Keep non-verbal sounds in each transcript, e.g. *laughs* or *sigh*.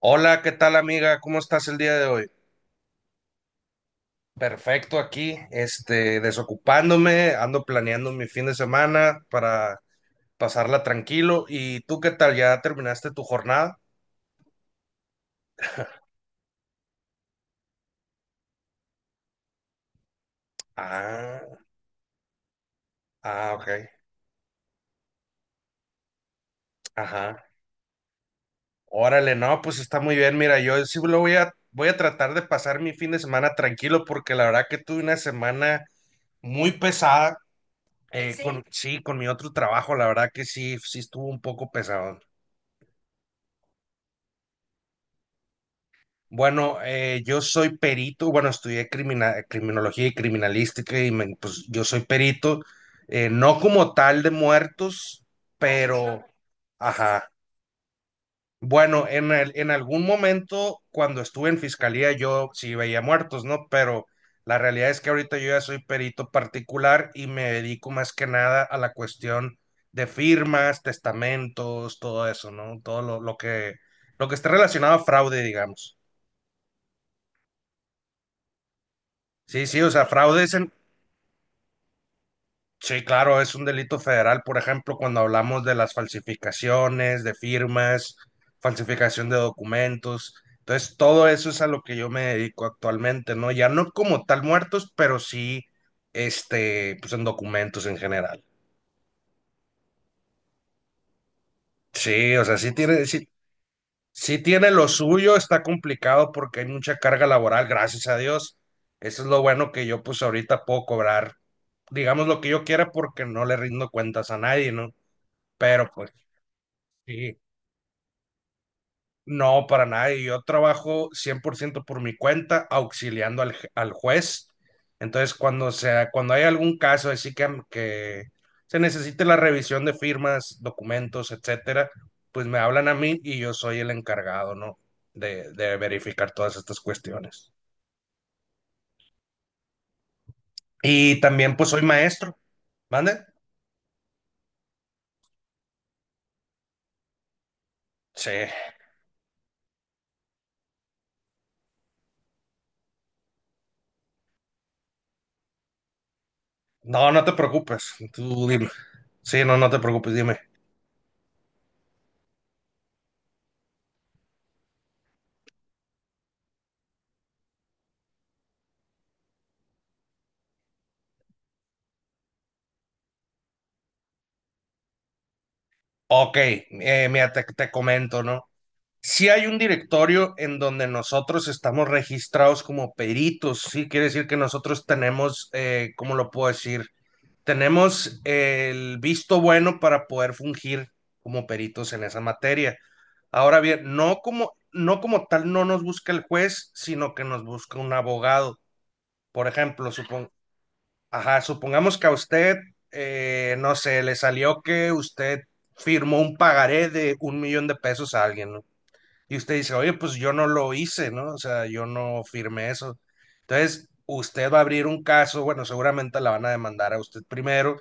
Hola, ¿qué tal amiga? ¿Cómo estás el día de hoy? Perfecto aquí, este, desocupándome, ando planeando mi fin de semana para pasarla tranquilo. ¿Y tú qué tal? ¿Ya terminaste tu jornada? Ah, ah, ok. Ajá. Órale, no, pues está muy bien. Mira, yo sí lo voy a tratar de pasar mi fin de semana tranquilo porque la verdad que tuve una semana muy pesada. Sí. Sí, con mi otro trabajo, la verdad que sí, sí estuvo un poco pesado. Bueno, yo soy perito, bueno, estudié criminología y criminalística y pues yo soy perito, no como tal de muertos, pero, ajá. Bueno, en algún momento cuando estuve en fiscalía yo sí veía muertos, ¿no? Pero la realidad es que ahorita yo ya soy perito particular y me dedico más que nada a la cuestión de firmas, testamentos, todo eso, ¿no? Todo lo que esté relacionado a fraude, digamos. Sí, sí, o sea, fraudes en. Sí, claro, es un delito federal, por ejemplo, cuando hablamos de las falsificaciones, de firmas, falsificación de documentos. Entonces, todo eso es a lo que yo me dedico actualmente, ¿no? Ya no como tal muertos, pero sí, este, pues en documentos en general. Sí, o sea, sí tiene lo suyo, está complicado porque hay mucha carga laboral, gracias a Dios. Eso es lo bueno que yo pues ahorita puedo cobrar, digamos lo que yo quiera porque no le rindo cuentas a nadie, ¿no? Pero pues sí. No, para nada. Y yo trabajo 100% por ciento por mi cuenta, auxiliando al, al juez. Entonces, cuando sea, cuando hay algún caso así que se necesite la revisión de firmas, documentos, etcétera, pues me hablan a mí y yo soy el encargado, ¿no? De verificar todas estas cuestiones. Y también, pues, soy maestro. ¿Mande? Sí. No, no te preocupes. Tú dime. Sí, no, no te preocupes, dime. Ok, mira, te comento, ¿no? Sí hay un directorio en donde nosotros estamos registrados como peritos, sí, quiere decir que nosotros tenemos, ¿cómo lo puedo decir? Tenemos el visto bueno para poder fungir como peritos en esa materia. Ahora bien, no como tal no nos busca el juez, sino que nos busca un abogado. Por ejemplo, ajá, supongamos que a usted, no sé, le salió que usted firmó un pagaré de 1.000.000 de pesos a alguien, ¿no? Y usted dice, oye, pues yo no lo hice, ¿no? O sea, yo no firmé eso. Entonces, usted va a abrir un caso, bueno, seguramente la van a demandar a usted primero,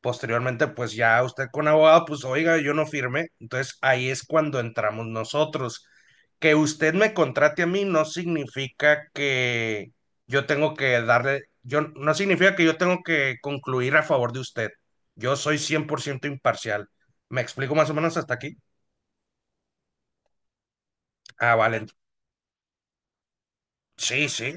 posteriormente, pues ya usted con abogado, pues oiga, yo no firmé. Entonces, ahí es cuando entramos nosotros. Que usted me contrate a mí no significa que yo tengo que darle, yo, no significa que yo tengo que concluir a favor de usted. Yo soy 100% imparcial. ¿Me explico más o menos hasta aquí? Ah, vale. Sí, sí.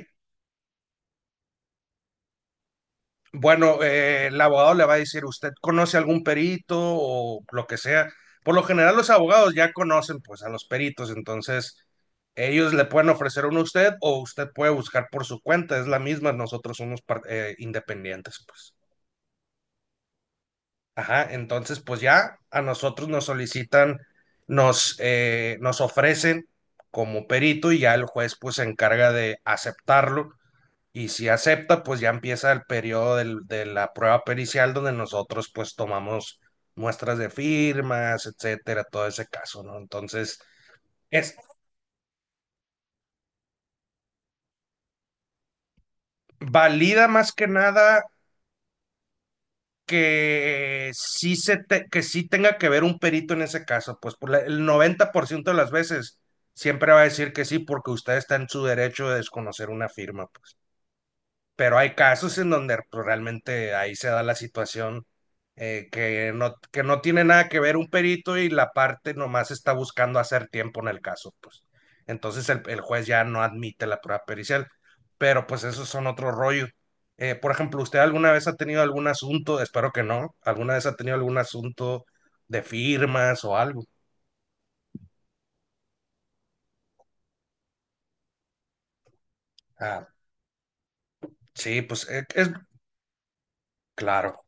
Bueno, el abogado le va a decir, ¿usted conoce algún perito o lo que sea? Por lo general los abogados ya conocen pues a los peritos, entonces ellos le pueden ofrecer uno a usted o usted puede buscar por su cuenta, es la misma, nosotros somos independientes pues. Ajá, entonces pues ya a nosotros nos solicitan, nos ofrecen como perito y ya el juez pues se encarga de aceptarlo y si acepta, pues ya empieza el periodo de la prueba pericial donde nosotros pues tomamos muestras de firmas, etcétera, todo ese caso, ¿no? Entonces, es valida más que nada que sí tenga que ver un perito en ese caso, pues por el 90% de las veces siempre va a decir que sí porque usted está en su derecho de desconocer una firma, pues. Pero hay casos en donde pues, realmente ahí se da la situación, que no tiene nada que ver un perito y la parte nomás está buscando hacer tiempo en el caso, pues. Entonces el juez ya no admite la prueba pericial, pero pues esos son otro rollo. Por ejemplo, ¿usted alguna vez ha tenido algún asunto, espero que no, alguna vez ha tenido algún asunto de firmas o algo? Ah, sí, pues es claro.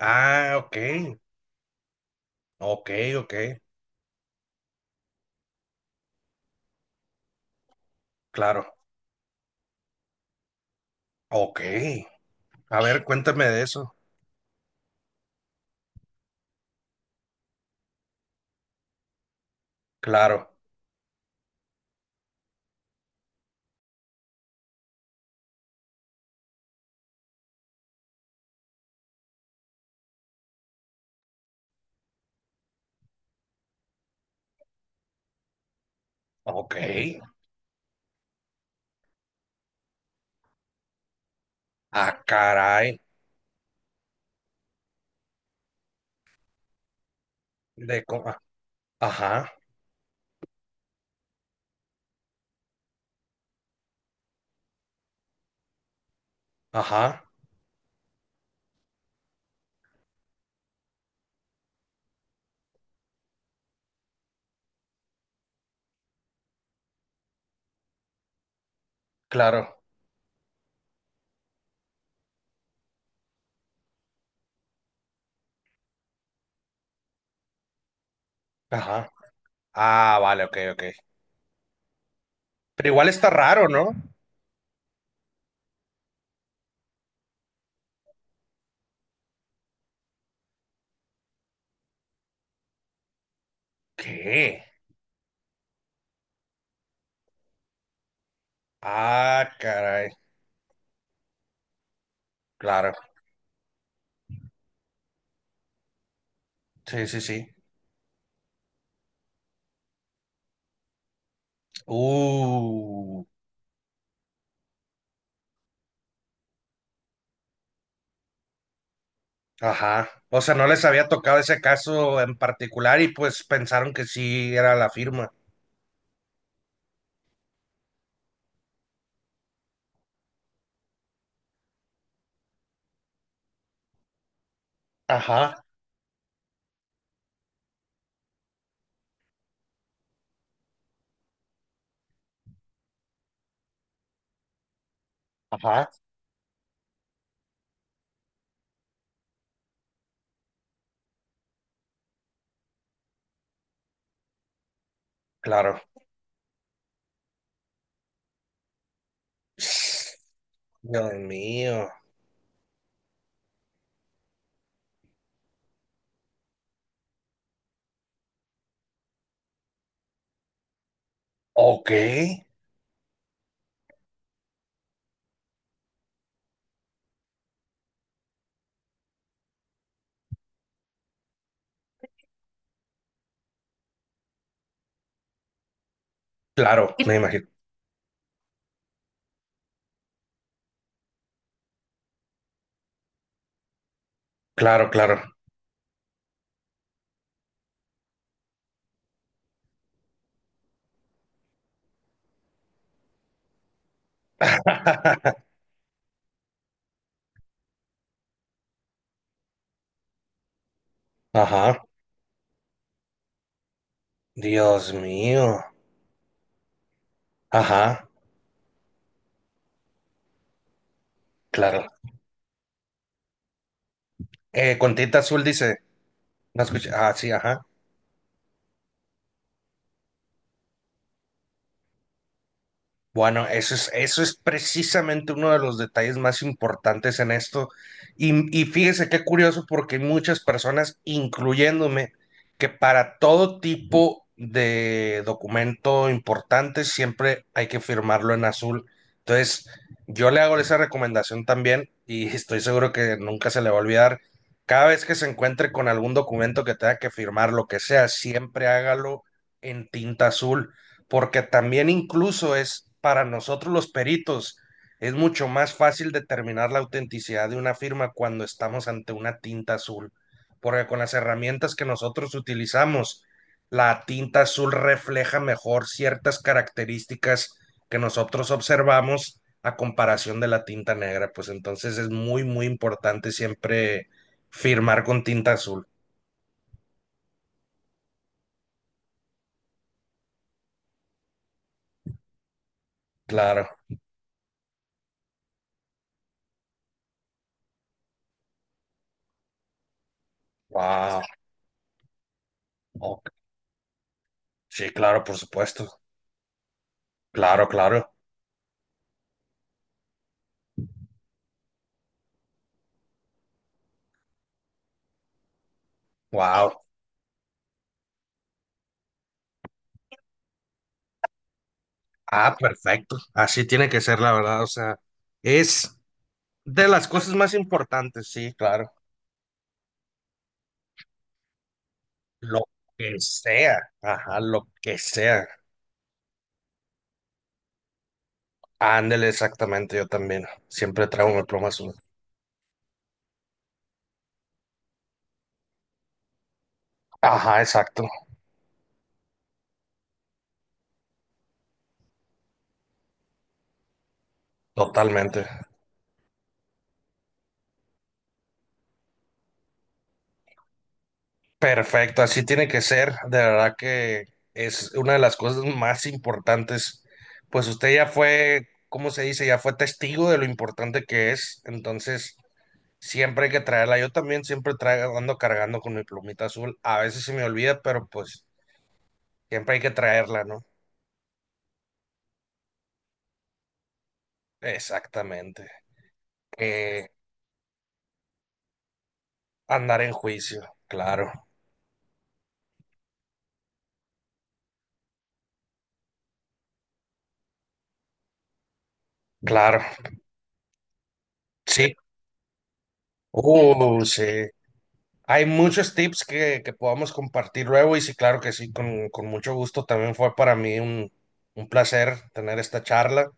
Ah, ok, ok, ok, claro, ok. A ver, cuéntame de eso. Claro. Ok. Ah, caray. Ah, ajá, ajá. Claro. Ajá. Ah, vale, ok, ok. Pero igual está raro, ¿no? ¿Qué? Ah, caray. Claro. Sí, sí, sí. Uh. Ajá. O sea, no les había tocado ese caso en particular y pues pensaron que sí era la firma. Ajá, ajá. Claro. Dios mío. Ok. Claro, me imagino. Claro, claro. *laughs* Ajá. Dios mío. Ajá, claro. Con tinta azul dice. No escuché. Ah, sí, ajá. Bueno, eso es precisamente uno de los detalles más importantes en esto. Y fíjese qué curioso porque hay muchas personas, incluyéndome, que para todo tipo de documento importante siempre hay que firmarlo en azul. Entonces, yo le hago esa recomendación también y estoy seguro que nunca se le va a olvidar. Cada vez que se encuentre con algún documento que tenga que firmar, lo que sea, siempre hágalo en tinta azul porque también incluso es para nosotros los peritos, es mucho más fácil determinar la autenticidad de una firma cuando estamos ante una tinta azul, porque con las herramientas que nosotros utilizamos, la tinta azul refleja mejor ciertas características que nosotros observamos a comparación de la tinta negra, pues entonces es muy, muy importante siempre firmar con tinta azul. Claro. Wow. Ok. Sí, claro, por supuesto. Claro, claro. Wow. Ah, perfecto. Así tiene que ser, la verdad. O sea, es de las cosas más importantes, sí, claro. Lo que sea. Ajá, lo que sea. Ándele, exactamente, yo también. Siempre traigo mi pluma azul. Ajá, exacto. Totalmente. Perfecto, así tiene que ser. De verdad que es una de las cosas más importantes. Pues usted ya fue, ¿cómo se dice? Ya fue testigo de lo importante que es. Entonces, siempre hay que traerla. Yo también siempre traigo, ando cargando con mi plumita azul. A veces se me olvida, pero pues siempre hay que traerla, ¿no? Exactamente. Eh, Andar en juicio, claro, claro. Sí. Sí. Hay muchos tips que podamos compartir luego y sí, claro que sí, con mucho gusto. También fue para mí un, placer tener esta charla,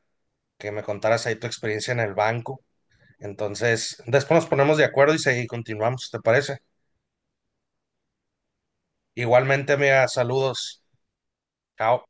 que me contaras ahí tu experiencia en el banco. Entonces, después nos ponemos de acuerdo y seguimos, continuamos, ¿te parece? Igualmente, mira, saludos. Chao.